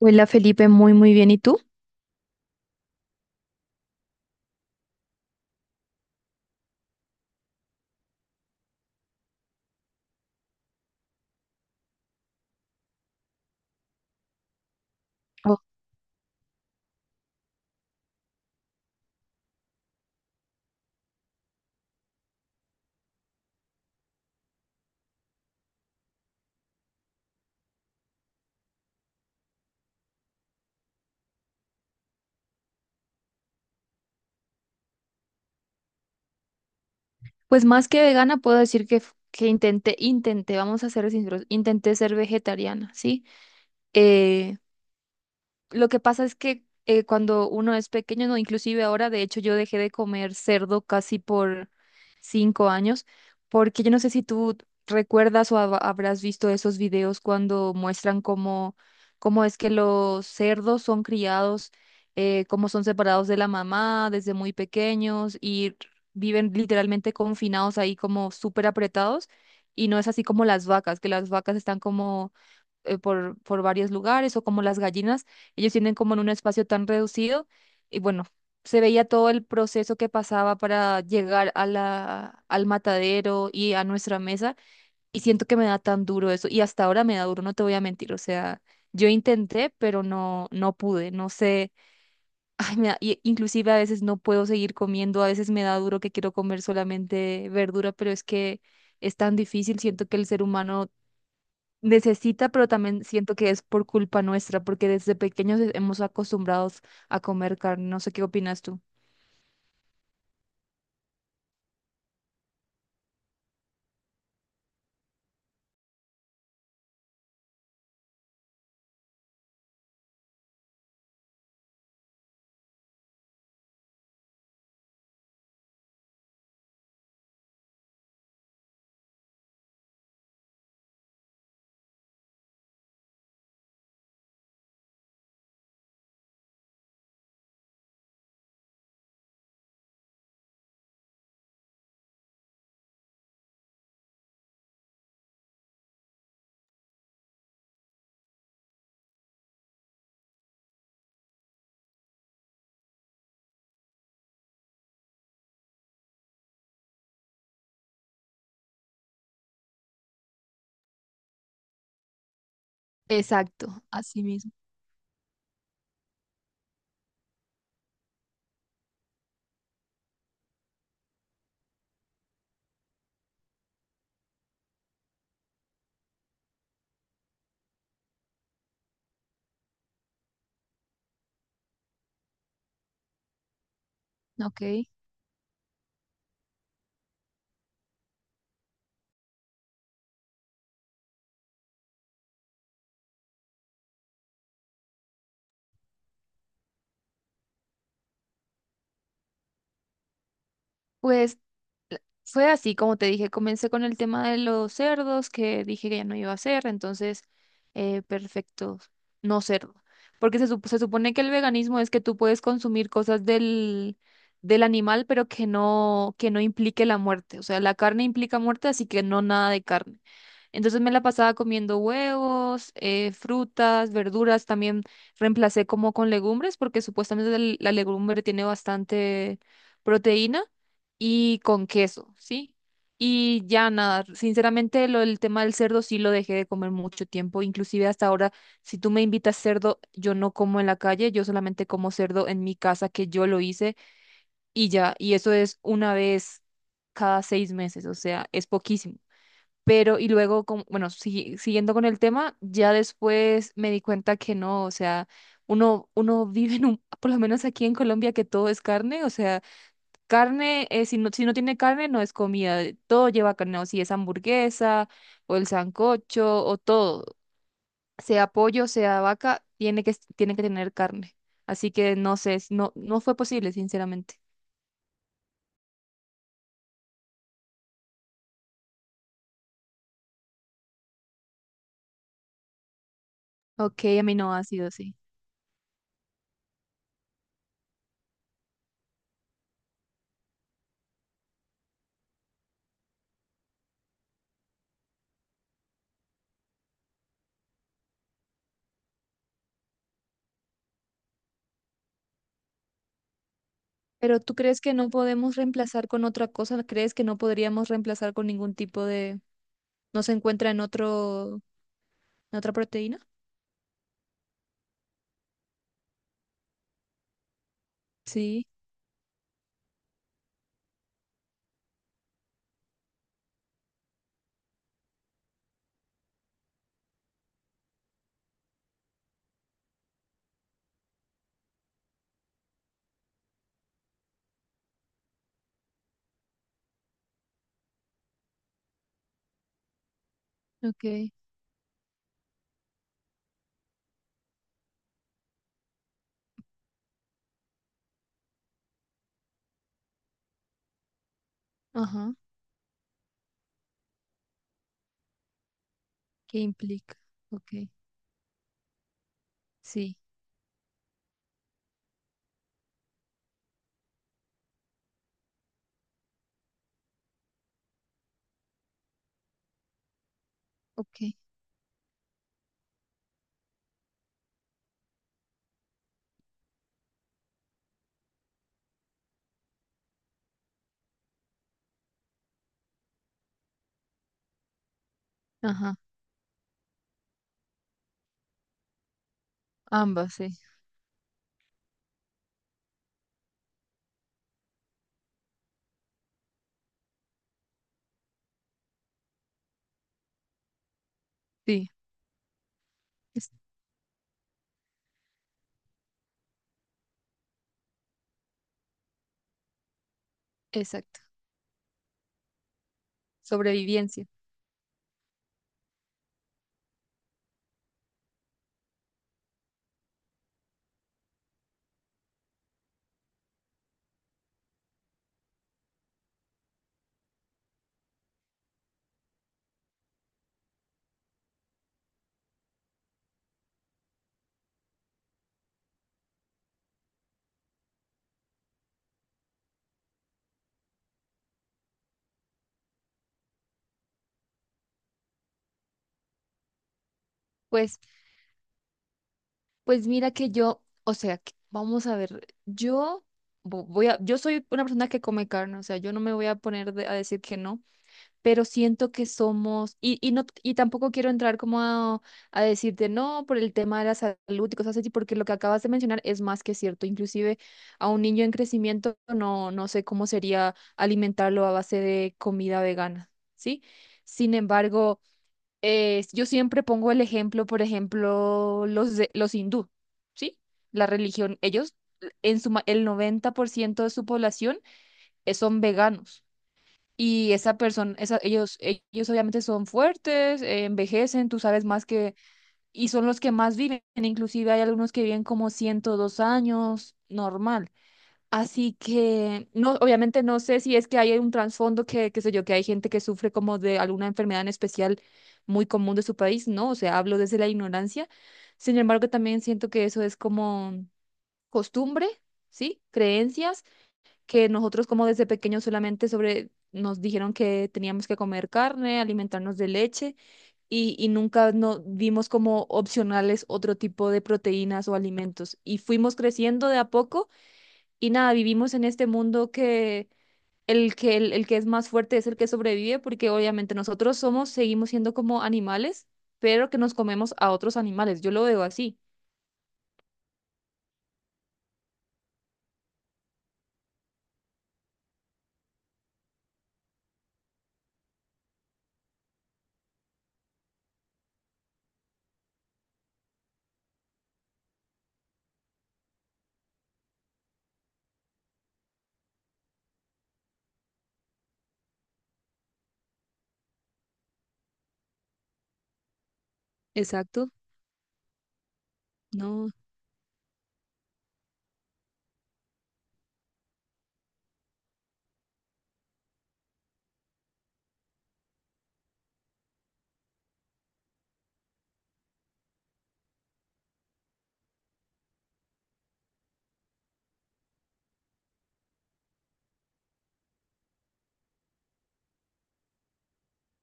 Hola Felipe, muy muy bien. ¿Y tú? Oh. Pues más que vegana puedo decir que, intenté, vamos a ser sinceros, intenté ser vegetariana, ¿sí? Eh, Lo que pasa es que cuando uno es pequeño, no, inclusive ahora, de hecho, yo dejé de comer cerdo casi por 5 años, porque yo no sé si tú recuerdas o habrás visto esos videos cuando muestran cómo, cómo es que los cerdos son criados, cómo son separados de la mamá desde muy pequeños y viven literalmente confinados ahí como súper apretados. Y no es así como las vacas, que las vacas están como por varios lugares o como las gallinas, ellos tienen como en un espacio tan reducido y bueno, se veía todo el proceso que pasaba para llegar a la, al matadero y a nuestra mesa, y siento que me da tan duro eso y hasta ahora me da duro, no te voy a mentir, o sea, yo intenté, pero no, no pude, no sé, ay, inclusive a veces no puedo seguir comiendo, a veces me da duro que quiero comer solamente verdura, pero es que... Es tan difícil, siento que el ser humano necesita, pero también siento que es por culpa nuestra, porque desde pequeños hemos acostumbrados a comer carne. No sé qué opinas tú. Exacto, así mismo. Ok. Pues fue así, como te dije, comencé con el tema de los cerdos, que dije que ya no iba a hacer, entonces, perfecto, no cerdo. Porque se supone que el veganismo es que tú puedes consumir cosas del, del animal, pero que no implique la muerte. O sea, la carne implica muerte, así que no, nada de carne. Entonces me la pasaba comiendo huevos, frutas, verduras, también reemplacé como con legumbres, porque supuestamente la legumbre tiene bastante proteína y con queso, ¿sí? Y ya nada, sinceramente lo del tema del cerdo sí lo dejé de comer mucho tiempo, inclusive hasta ahora, si tú me invitas cerdo, yo no como en la calle, yo solamente como cerdo en mi casa que yo lo hice y ya, y eso es una vez cada 6 meses, o sea, es poquísimo. Pero y luego, bueno, siguiendo con el tema, ya después me di cuenta que no, o sea, uno vive en un, por lo menos aquí en Colombia, que todo es carne, o sea... Carne, si no, si no tiene carne, no es comida. Todo lleva carne, o si es hamburguesa, o el sancocho, o todo. Sea pollo, sea vaca, tiene que tener carne. Así que no sé, no, no fue posible, sinceramente. Ok, a mí no ha sido así. Pero ¿tú crees que no podemos reemplazar con otra cosa? ¿Crees que no podríamos reemplazar con ningún tipo de... no se encuentra en otro, en otra proteína? Sí, ok. Ajá. ¿Qué implica? Ok. Sí, ok. Ajá. Ambas, sí. Sí, es- exacto. Sobrevivencia. Pues, pues mira que yo, o sea, vamos a ver, yo voy a, yo soy una persona que come carne, o sea, yo no me voy a poner a decir que no, pero siento que somos, y no, y tampoco quiero entrar como a decirte no por el tema de la salud y cosas así, porque lo que acabas de mencionar es más que cierto. Inclusive a un niño en crecimiento no, no sé cómo sería alimentarlo a base de comida vegana, ¿sí? Sin embargo, yo siempre pongo el ejemplo, por ejemplo, los, los hindú, ¿sí? La religión, ellos, en su, el 90% de su población son veganos. Y esa persona, esa, ellos obviamente son fuertes, envejecen, tú sabes más que, y son los que más viven. Inclusive hay algunos que viven como 102 años, normal. Así que, no, obviamente no sé si es que hay un trasfondo que, qué sé yo, que hay gente que sufre como de alguna enfermedad en especial muy común de su país, ¿no? O sea, hablo desde la ignorancia. Sin embargo, también siento que eso es como costumbre, ¿sí? Creencias que nosotros como desde pequeños solamente sobre nos dijeron que teníamos que comer carne, alimentarnos de leche y nunca no vimos como opcionales otro tipo de proteínas o alimentos. Y fuimos creciendo de a poco y nada, vivimos en este mundo que, el que es más fuerte es el que sobrevive, porque obviamente nosotros somos, seguimos siendo como animales, pero que nos comemos a otros animales. Yo lo veo así. Exacto, no,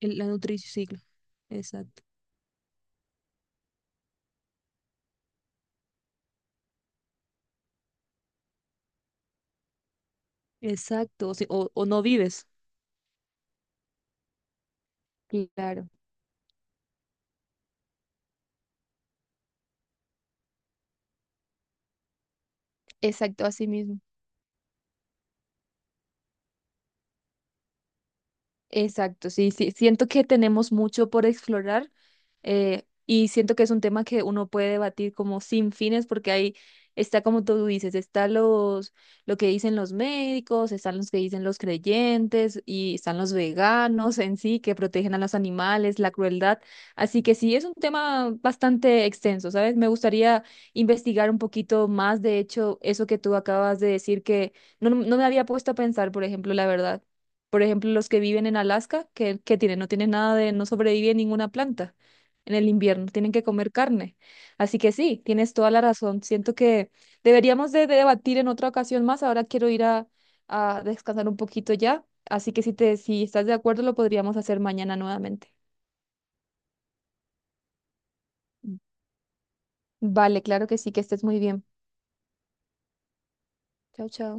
la nutrición, sí, exacto. Exacto. O, o no vives. Claro, exacto, así mismo. Exacto, sí, sí, siento que tenemos mucho por explorar y siento que es un tema que uno puede debatir como sin fines, porque ahí está como tú dices, está los, lo que dicen los médicos, están los que dicen los creyentes y están los veganos en sí que protegen a los animales, la crueldad. Así que sí, es un tema bastante extenso, ¿sabes? Me gustaría investigar un poquito más, de hecho, eso que tú acabas de decir que no, no me había puesto a pensar, por ejemplo, la verdad. Por ejemplo, los que viven en Alaska, que tienen, no tienen nada de, no sobrevive ninguna planta en el invierno, tienen que comer carne. Así que sí, tienes toda la razón. Siento que deberíamos de debatir en otra ocasión más. Ahora quiero ir a descansar un poquito ya. Así que si te, si estás de acuerdo, lo podríamos hacer mañana nuevamente. Vale, claro que sí, que estés muy bien. Chao, chao.